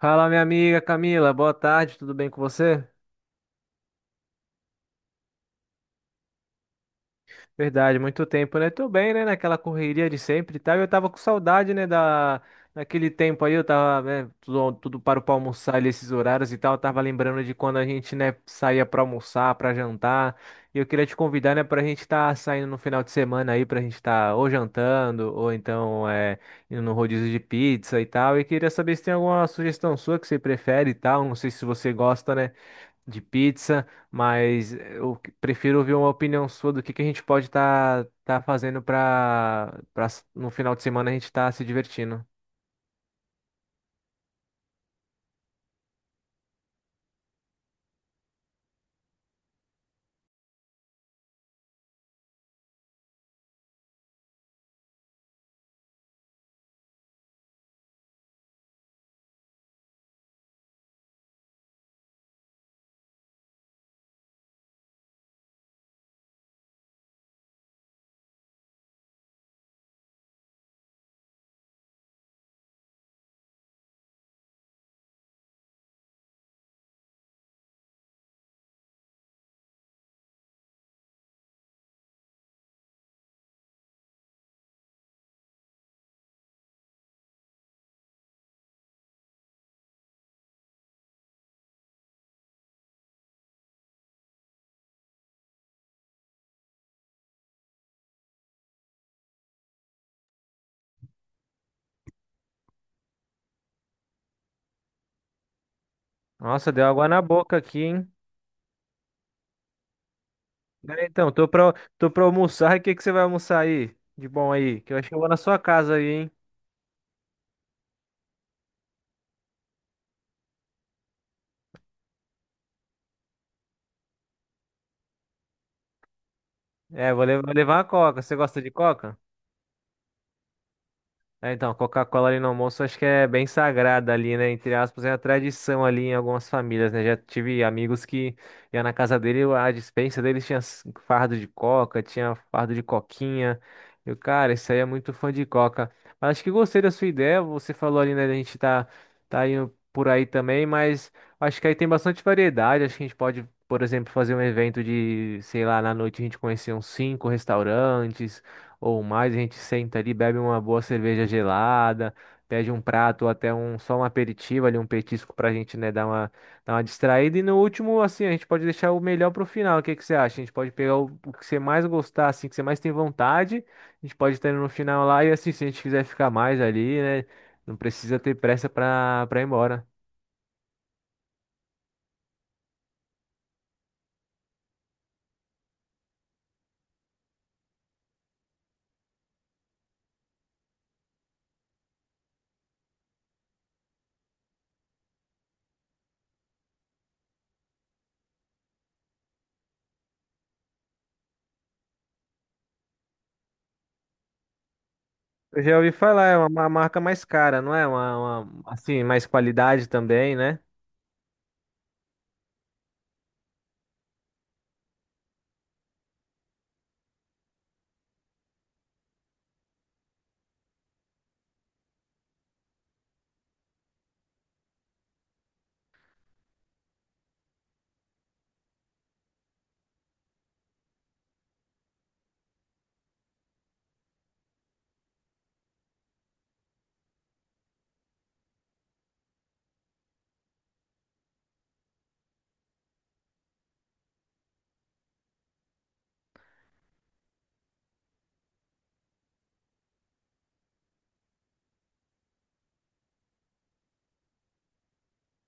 Fala, minha amiga Camila, boa tarde, tudo bem com você? Verdade, muito tempo, né? Tô bem, né? Naquela correria de sempre e tal. Eu tava com saudade, né? Daquele tempo aí, eu tava, né? Tudo parou pra almoçar ali, esses horários e tal. Eu tava lembrando de quando a gente, né, saía pra almoçar, pra jantar. E eu queria te convidar, né, pra gente tá saindo no final de semana aí, pra gente tá ou jantando, ou então indo no rodízio de pizza e tal. E queria saber se tem alguma sugestão sua que você prefere e tal. Não sei se você gosta, né, de pizza, mas prefiro ouvir uma opinião sua do que a gente pode estar fazendo para no final de semana a gente estar se divertindo. Nossa, deu água na boca aqui, hein? É, então, tô pra almoçar. O que que você vai almoçar aí? De bom aí? Que eu acho que eu vou na sua casa aí, hein? É, vou levar uma coca. Você gosta de coca? É, então, Coca-Cola ali no almoço acho que é bem sagrada ali, né? Entre aspas, é a tradição ali em algumas famílias, né? Já tive amigos que ia na casa dele, a dispensa deles tinha fardo de coca, tinha fardo de coquinha. Eu, cara, isso aí é muito fã de coca. Mas acho que gostei da sua ideia, você falou ali, né? Tá indo por aí também, mas acho que aí tem bastante variedade. Acho que a gente pode, por exemplo, fazer um evento de, sei lá, na noite a gente conhecer uns cinco restaurantes ou mais, a gente senta ali, bebe uma boa cerveja gelada, pede um prato ou até um só um aperitivo ali, um petisco pra gente, né, dar uma distraída. E no último, assim, a gente pode deixar o melhor pro final. O que que você acha? A gente pode pegar o que você mais gostar, assim, que você mais tem vontade. A gente pode estar no final lá e, assim, se a gente quiser ficar mais ali, né, não precisa ter pressa pra ir embora. Eu já ouvi falar, é uma marca mais cara, não é? Assim, mais qualidade também, né?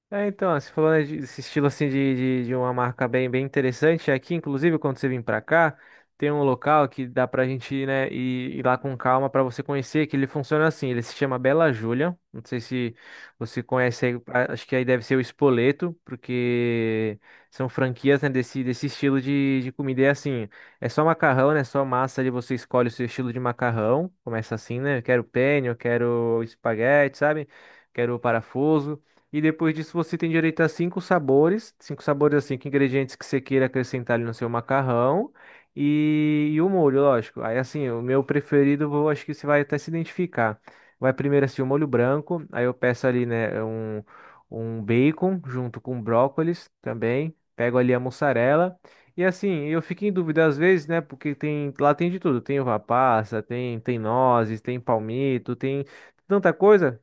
É, então, você falou, né, desse estilo assim de uma marca bem, bem interessante. Aqui, inclusive, quando você vir pra cá, tem um local que dá pra gente ir, né, ir lá com calma pra você conhecer, que ele funciona assim, ele se chama Bela Júlia. Não sei se você conhece aí, acho que aí deve ser o Espoleto, porque são franquias, né, desse estilo de comida. E é assim, é só macarrão, né, só massa ali, você escolhe o seu estilo de macarrão. Começa assim, né, eu quero penne, eu quero espaguete, sabe? Quero parafuso. E depois disso você tem direito a cinco sabores assim, cinco ingredientes que você queira acrescentar ali no seu macarrão e o molho, lógico. Aí assim, o meu preferido, eu acho que você vai até se identificar. Vai primeiro assim o molho branco, aí eu peço ali, né, um bacon junto com brócolis também, pego ali a mussarela. E assim, eu fico em dúvida às vezes, né, porque tem, lá tem de tudo, tem uva passa, tem nozes, tem palmito, tem tanta coisa,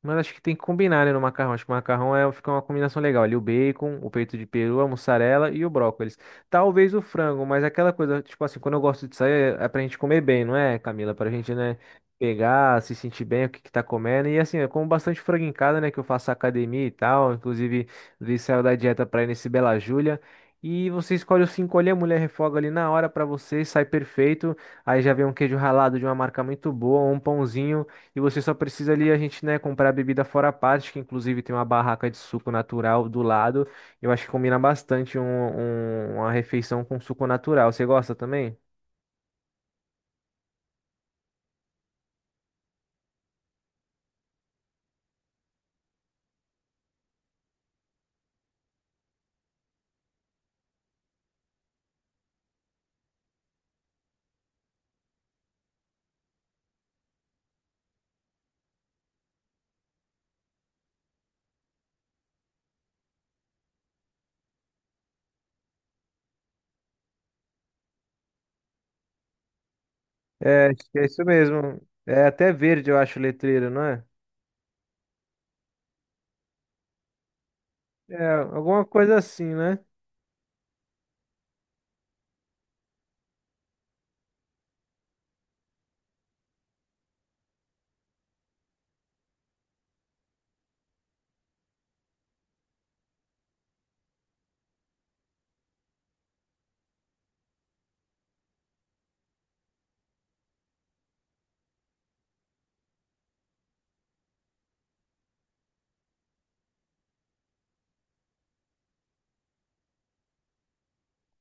mas acho que tem que combinar, né, no macarrão. Acho que o macarrão é, fica uma combinação legal. Ali o bacon, o peito de peru, a mussarela e o brócolis. Talvez o frango, mas é aquela coisa, tipo assim, quando eu gosto de sair, é pra gente comer bem, não é, Camila? Pra gente, né, pegar, se sentir bem, o que que tá comendo. E assim, eu como bastante frango em casa, né, que eu faço academia e tal. Inclusive, ele saiu da dieta pra ir nesse Bela Júlia. E você escolhe os cinco ali, a mulher refoga ali na hora pra você, sai perfeito. Aí já vem um queijo ralado de uma marca muito boa, um pãozinho. E você só precisa ali a gente, né, comprar a bebida fora a parte, que inclusive tem uma barraca de suco natural do lado. Eu acho que combina bastante uma refeição com suco natural. Você gosta também? É, acho que é isso mesmo. É até verde, eu acho, o letreiro, não é? É, alguma coisa assim, né?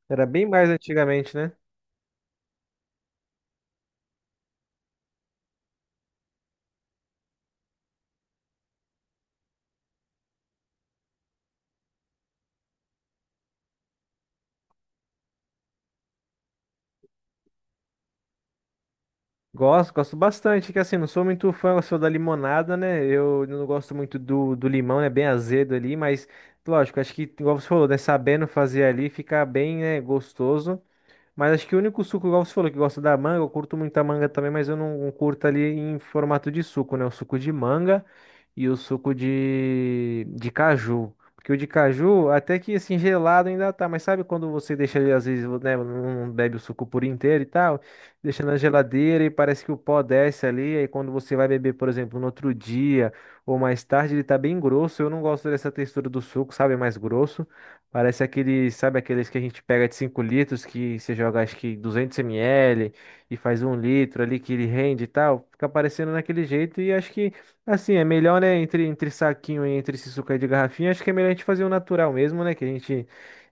Era bem mais antigamente, né? Gosto, gosto bastante, que assim, não sou muito fã, eu sou da limonada, né? Eu não gosto muito do limão, é né? Bem azedo ali, mas lógico, acho que, igual você falou, né? Sabendo fazer ali, fica bem, né, gostoso. Mas acho que o único suco, igual você falou, que gosta da manga, eu curto muito a manga também, mas eu não curto ali em formato de suco, né? O suco de manga e o suco de caju. Porque o de caju, até que assim, gelado ainda tá, mas sabe quando você deixa ali, às vezes, né, não bebe o suco por inteiro e tal, deixa na geladeira e parece que o pó desce ali, aí quando você vai beber, por exemplo, no outro dia ou mais tarde, ele tá bem grosso. Eu não gosto dessa textura do suco, sabe? É mais grosso. Parece aqueles, sabe aqueles que a gente pega de 5 litros, que você joga acho que 200 ml e faz 1 litro ali que ele rende e tal. Fica parecendo naquele jeito e acho que, assim, é melhor, né, entre saquinho e entre esse suco aí de garrafinha, acho que é melhor a gente fazer o natural mesmo, né, que a gente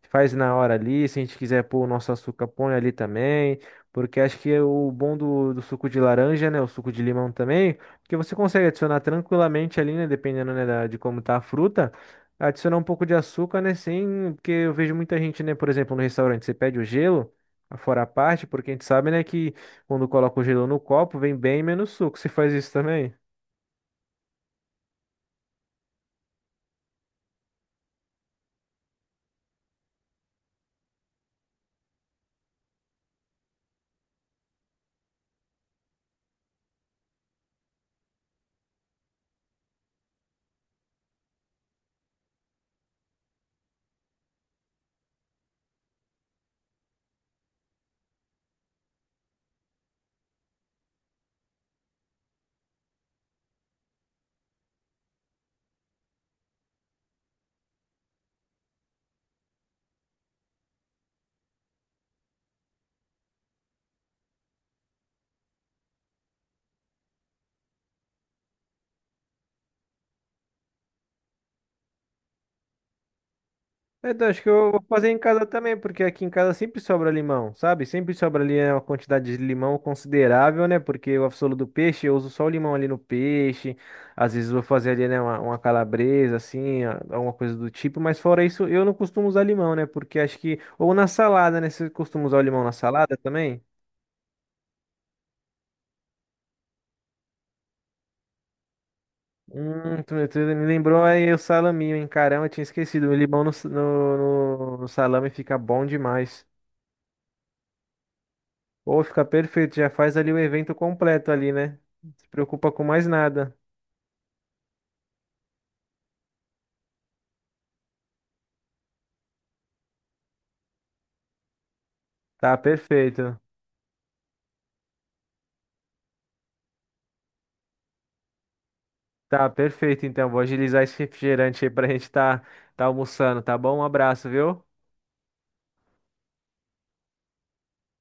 faz na hora ali. Se a gente quiser pôr o nosso açúcar, põe ali também. Porque acho que é o bom do suco de laranja, né, o suco de limão também, que você consegue adicionar tranquilamente ali, né, dependendo, né, de como tá a fruta. Adicionar um pouco de açúcar, né? Sem, porque eu vejo muita gente, né? Por exemplo, no restaurante, você pede o gelo, fora a parte, porque a gente sabe, né, que quando coloca o gelo no copo, vem bem menos suco. Você faz isso também? É, então, acho que eu vou fazer em casa também, porque aqui em casa sempre sobra limão, sabe? Sempre sobra ali é uma quantidade de limão considerável, né? Porque o absolu do peixe, eu uso só o limão ali no peixe. Às vezes vou fazer ali, né, uma calabresa, assim, alguma coisa do tipo. Mas fora isso, eu não costumo usar limão, né? Porque acho que... Ou na salada, né? Você costuma usar o limão na salada também? Tu me lembrou aí o salaminho, hein? Caramba, eu tinha esquecido. O limão no no salame fica bom demais. Ou fica perfeito, já faz ali o evento completo ali, né? Não se preocupa com mais nada. Tá perfeito. Tá perfeito, então. Vou agilizar esse refrigerante aí pra gente tá, tá almoçando, tá bom? Um abraço, viu?